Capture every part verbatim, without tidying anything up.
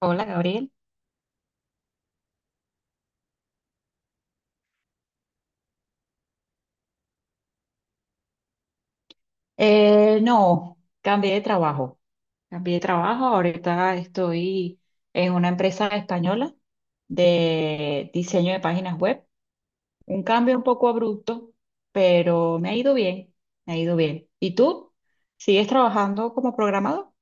Hola, Gabriel. Eh, no, cambié de trabajo. Cambié de trabajo. Ahorita estoy en una empresa española de diseño de páginas web. Un cambio un poco abrupto, pero me ha ido bien. Me ha ido bien. ¿Y tú? ¿Sigues trabajando como programador?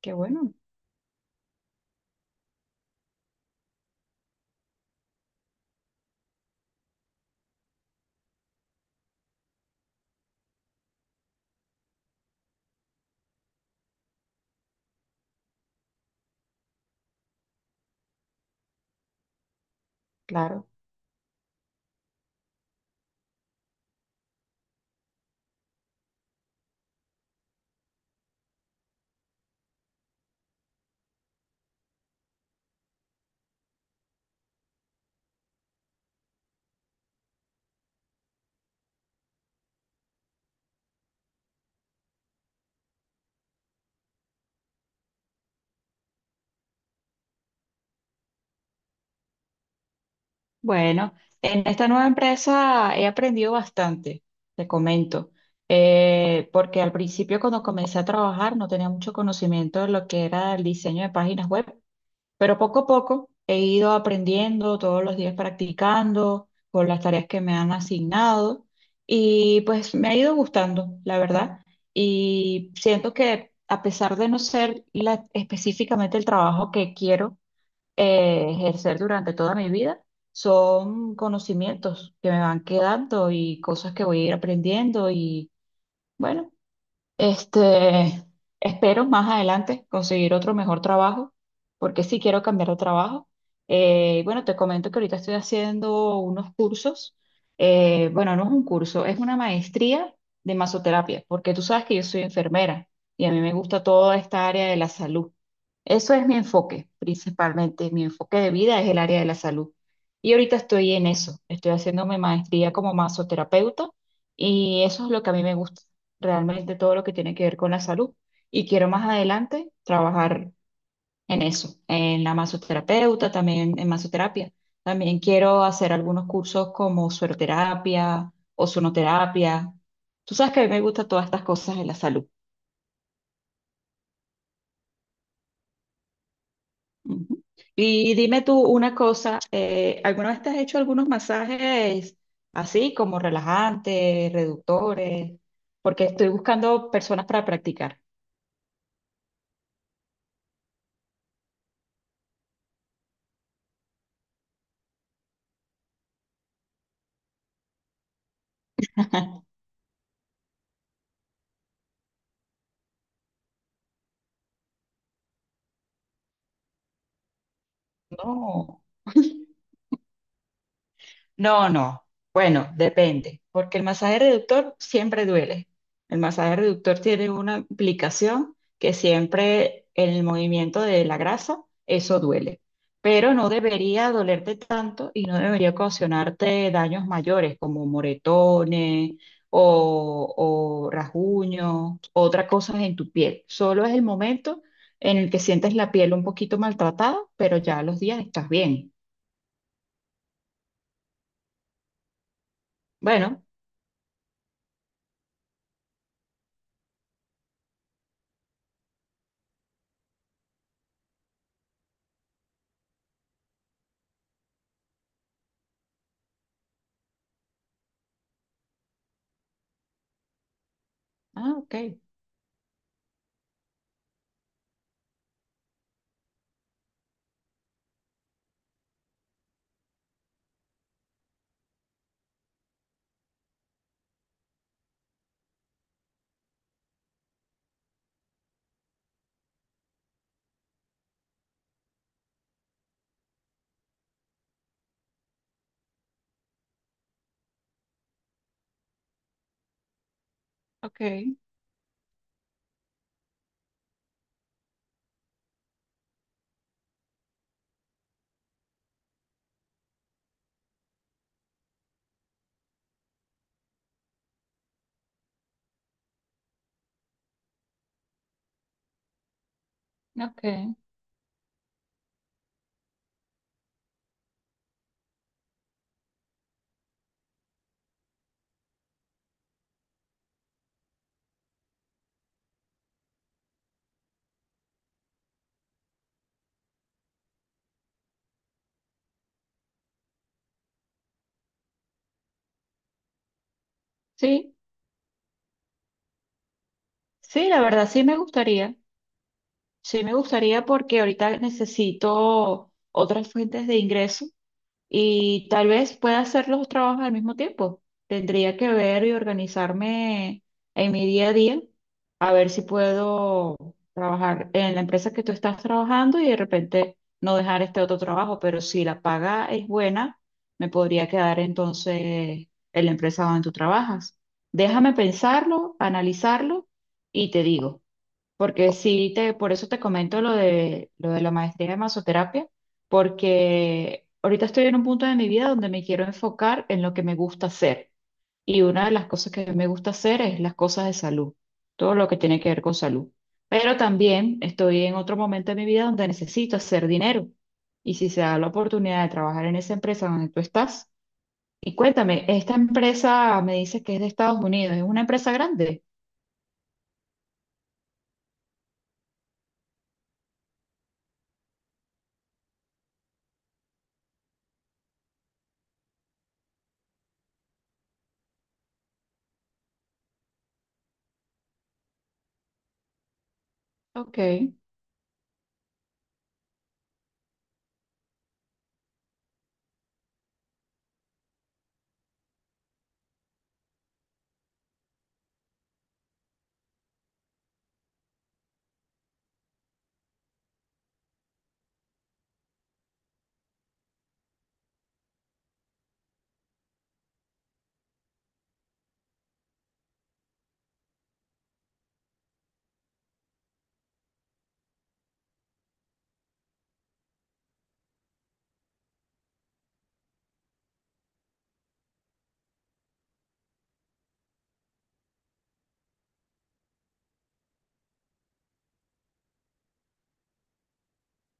Qué bueno, claro. Bueno, en esta nueva empresa he aprendido bastante, te comento. Eh, porque al principio cuando comencé a trabajar no tenía mucho conocimiento de lo que era el diseño de páginas web, pero poco a poco he ido aprendiendo, todos los días practicando con las tareas que me han asignado, y pues me ha ido gustando, la verdad, y siento que a pesar de no ser la- específicamente el trabajo que quiero eh, ejercer durante toda mi vida, son conocimientos que me van quedando y cosas que voy a ir aprendiendo y bueno. Este, espero más adelante conseguir otro mejor trabajo, porque sí quiero cambiar de trabajo. Eh, bueno, te comento que ahorita estoy haciendo unos cursos. Eh, bueno, no es un curso, es una maestría de masoterapia, porque tú sabes que yo soy enfermera y a mí me gusta toda esta área de la salud. Eso es mi enfoque, principalmente. Mi enfoque de vida es el área de la salud. Y ahorita estoy en eso. Estoy haciéndome maestría como masoterapeuta, y eso es lo que a mí me gusta realmente, todo lo que tiene que ver con la salud. Y quiero más adelante trabajar en eso, en la masoterapeuta, también en masoterapia. También quiero hacer algunos cursos como sueroterapia o sonoterapia. Tú sabes que a mí me gustan todas estas cosas de la salud. Ujú. Y dime tú una cosa, eh, ¿alguna vez te has hecho algunos masajes así como relajantes, reductores? Porque estoy buscando personas para practicar. No. No, no. Bueno, depende, porque el masaje reductor siempre duele. El masaje reductor tiene una implicación que siempre en el movimiento de la grasa, eso duele. Pero no debería dolerte tanto y no debería ocasionarte daños mayores como moretones o, o rasguños, otras cosas en tu piel. Solo es el momento en el que sientes la piel un poquito maltratada, pero ya a los días estás bien. Bueno, ah, ok, ok. Okay. Sí, sí, la verdad sí me gustaría. Sí me gustaría porque ahorita necesito otras fuentes de ingreso. Y tal vez pueda hacer los dos trabajos al mismo tiempo. Tendría que ver y organizarme en mi día a día, a ver si puedo trabajar en la empresa que tú estás trabajando y de repente no dejar este otro trabajo, pero si la paga es buena, me podría quedar entonces en la empresa donde tú trabajas. Déjame pensarlo, analizarlo y te digo. Porque sí te, por eso te comento lo de, lo de la maestría de masoterapia, porque ahorita estoy en un punto de mi vida donde me quiero enfocar en lo que me gusta hacer. Y una de las cosas que me gusta hacer es las cosas de salud, todo lo que tiene que ver con salud. Pero también estoy en otro momento de mi vida donde necesito hacer dinero. Y si se da la oportunidad de trabajar en esa empresa donde tú estás, y cuéntame, esta empresa me dice que es de Estados Unidos, ¿es una empresa grande? Ok,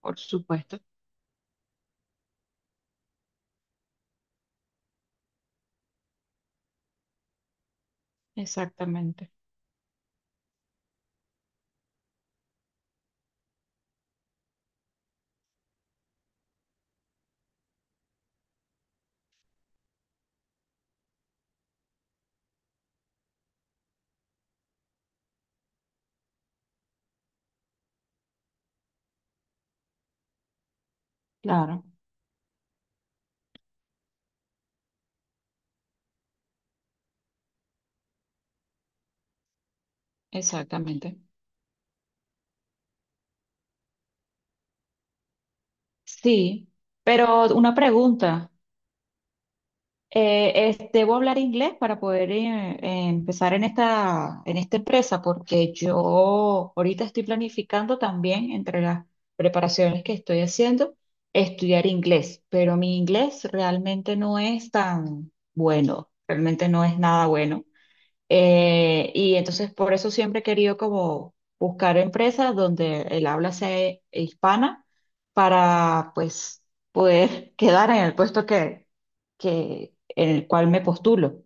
por supuesto. Exactamente, claro, exactamente. Sí, pero una pregunta. Eh, es- ¿debo hablar inglés para poder eh, eh, empezar en esta, en esta empresa? Porque yo ahorita estoy planificando también, entre las preparaciones que estoy haciendo, estudiar inglés, pero mi inglés realmente no es tan bueno, realmente no es nada bueno. Eh, y entonces por eso siempre he querido como buscar empresas donde el habla sea hispana, para pues poder quedar en el puesto que, que en el cual me postulo.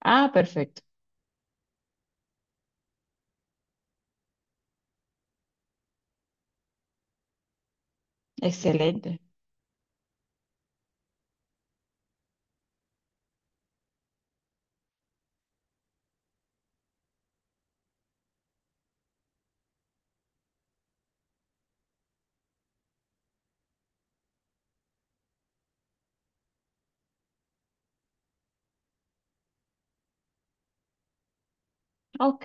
Ah, perfecto. Excelente. Ok,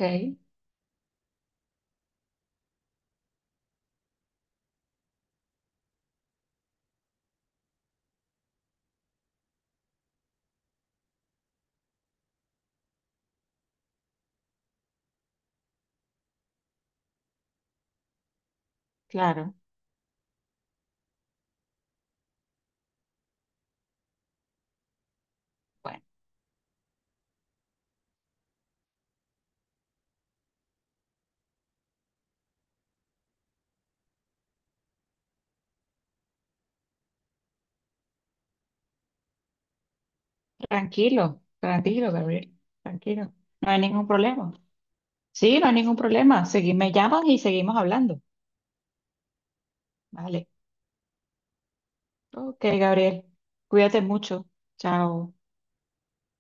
claro. Bueno, tranquilo, tranquilo, Gabriel, tranquilo. No hay ningún problema. Sí, no hay ningún problema. Segui- me llamas y seguimos hablando. Vale. Ok, Gabriel. Cuídate mucho. Chao.